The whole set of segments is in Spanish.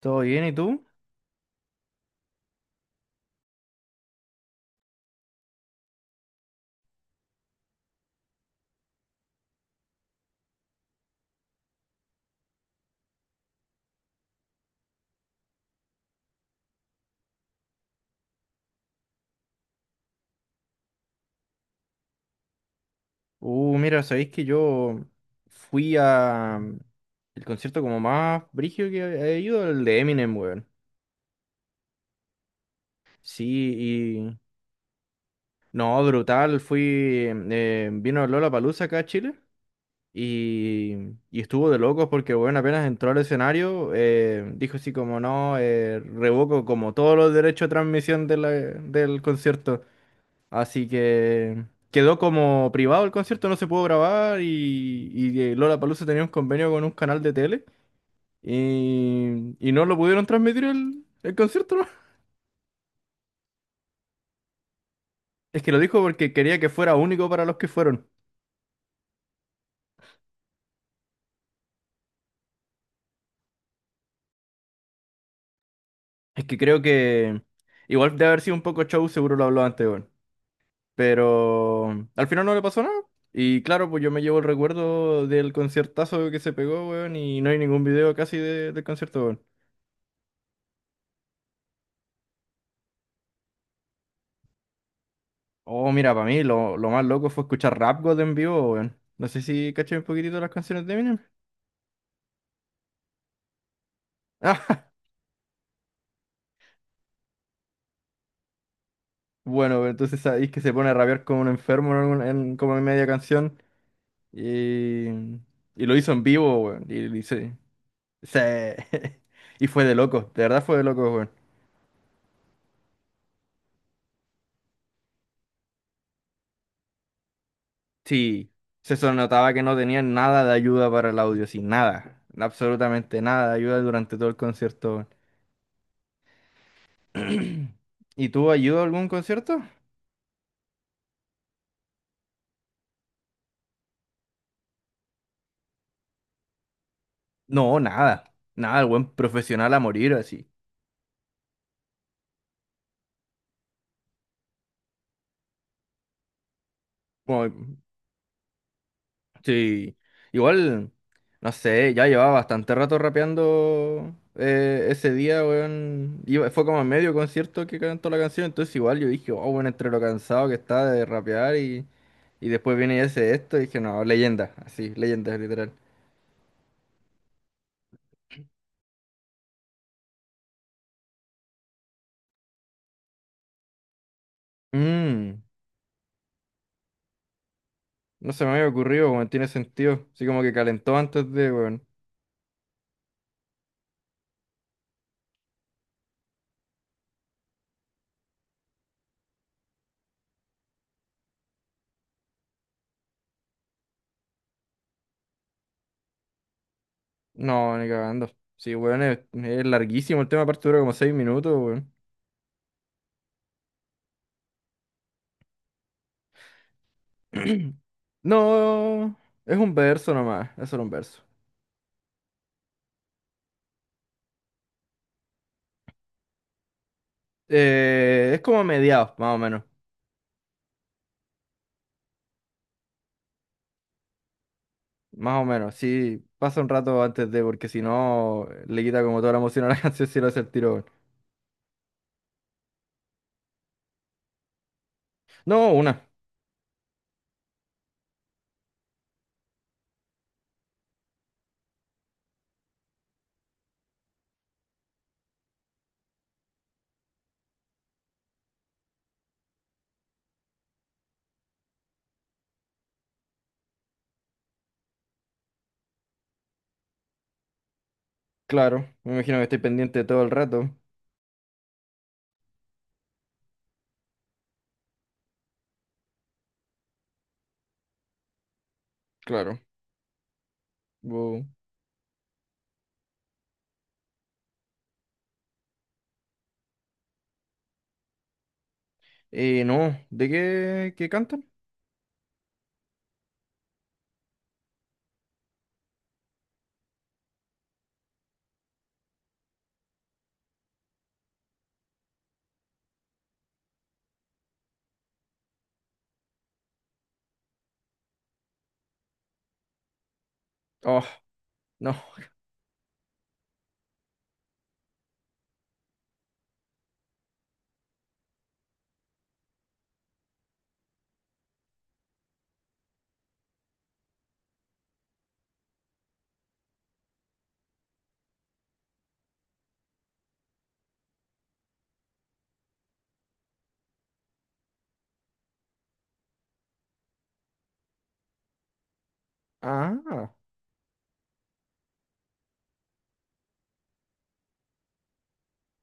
¿Todo bien? ¿Y tú? Mira, sabéis que yo fui a el concierto como más brígido que he ido, el de Eminem, weón. Sí, y... No, brutal, vino Lollapalooza acá a Chile, y, y estuvo de locos porque, weón, apenas entró al escenario, dijo así como, no, revoco como todos los derechos de transmisión de del concierto. Así que quedó como privado el concierto, no se pudo grabar, y Lollapalooza tenía un convenio con un canal de tele, y no lo pudieron transmitir el concierto, ¿no? Es que lo dijo porque quería que fuera único para los que fueron. Es que creo que igual de haber sido un poco show, seguro lo habló antes, weón. Pero al final no le pasó nada. Y claro, pues yo me llevo el recuerdo del conciertazo que se pegó, weón, y no hay ningún video casi del concierto, weón. Oh, mira, para mí lo más loco fue escuchar Rap God en vivo, weón. No sé si caché un poquitito las canciones de Eminem. Ah, bueno, entonces sabéis que se pone a rapear como un enfermo como en media canción. Y, y lo hizo en vivo, weón. Y se- y fue de loco, de verdad fue de loco, weón. Sí, notaba que no tenían nada de ayuda para el audio, sí, nada. Absolutamente nada de ayuda durante todo el concierto, weón. ¿Y tú ayuda a algún concierto? No, nada. Nada, el buen profesional a morir así. Como, sí. Igual, no sé, ya llevaba bastante rato rapeando ese día, weón. Fue como a medio concierto que cantó la canción, entonces igual yo dije, oh, bueno, entre lo cansado que está de rapear, y después viene y hace esto, y dije, no, leyenda, así, leyenda, literal. Mm, no se me había ocurrido, weón, tiene sentido. Así como que calentó antes de, weón. No, ni cagando. Sí, weón, es larguísimo el tema, aparte dura como 6 minutos, weón. No, es un verso nomás, es solo un verso. Es como mediados, más o menos. Más o menos, sí, pasa un rato antes de, porque si no, le quita como toda la emoción a la canción si lo hace el tiro, weón. No, una, claro. Me imagino que estoy pendiente todo el rato. Claro. Wow. No, ¿de qué, qué cantan? Oh, no. Ah,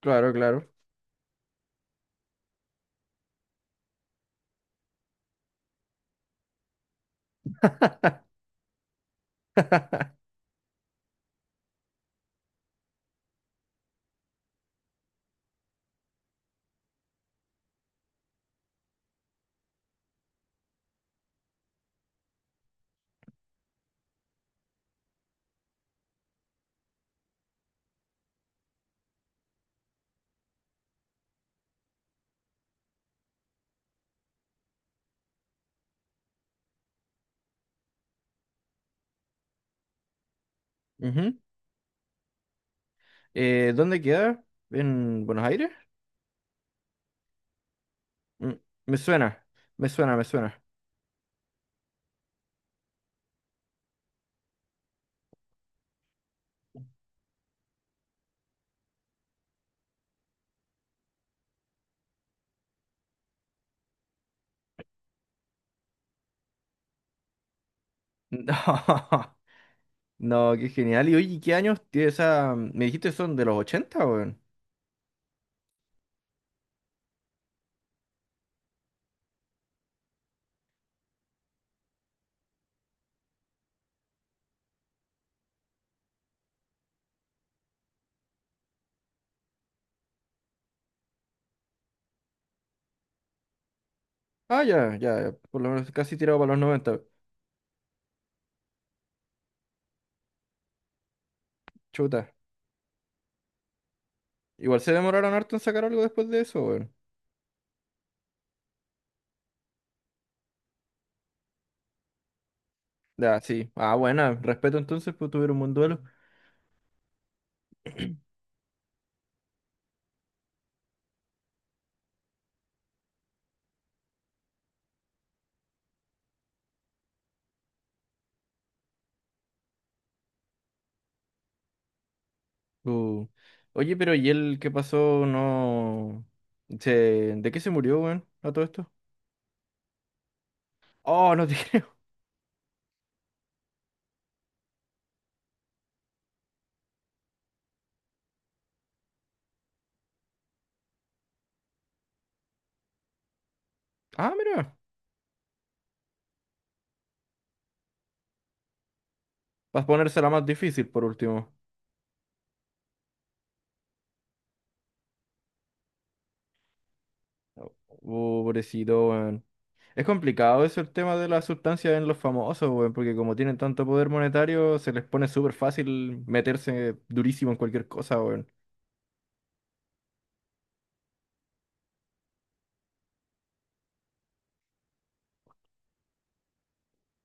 claro, claro. ¿Dónde queda? ¿En Buenos Aires? Mm, Me suena, me suena, me suena. No, no, qué genial. Y oye, ¿qué años tiene esa? ¿Me dijiste son de los 80, weón? Ah, ya, ya, ya, por lo menos casi tirado para los 90. Chuta. Igual se demoraron harto en sacar algo después de eso, weón. Ya, sí. Ah, bueno, respeto entonces, pues tuvieron un buen duelo. Uh. Oye, pero ¿y él qué pasó? No. Se... ¿De qué se murió, weón? A todo esto. Oh, no te creo. Ah, mira. Vas a ponérsela más difícil por último. Pobrecito, weón. Es complicado eso el tema de las sustancias en los famosos, weón, porque como tienen tanto poder monetario, se les pone súper fácil meterse durísimo en cualquier cosa, weón.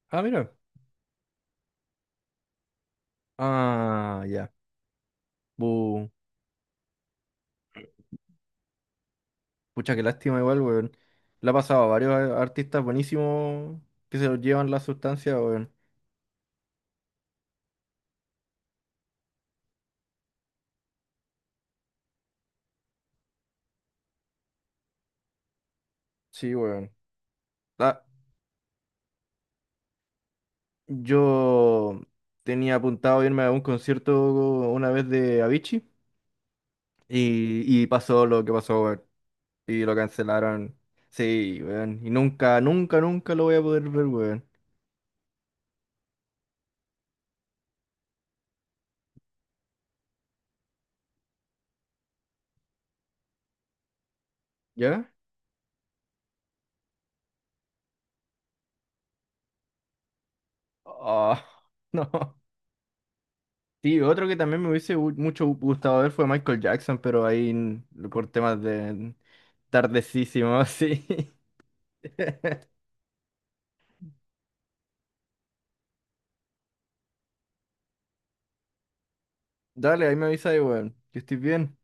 Ah, mira. Ah, ya. Bu. Pucha, qué lástima igual, weón. Le ha pasado a varios artistas buenísimos que se los llevan las sustancias, weón. Sí, weón. Ah, yo tenía apuntado irme a un concierto una vez de Avicii y pasó lo que pasó, weón. Y lo cancelaron. Sí, weón. Y nunca, nunca, nunca lo voy a poder ver, weón. ¿Ya? Ah, no. Sí, otro que también me hubiese mucho gustado ver fue Michael Jackson, pero ahí por temas de tardecísimo, sí. Dale, ahí me avisa ahí, weón. Que estés bien.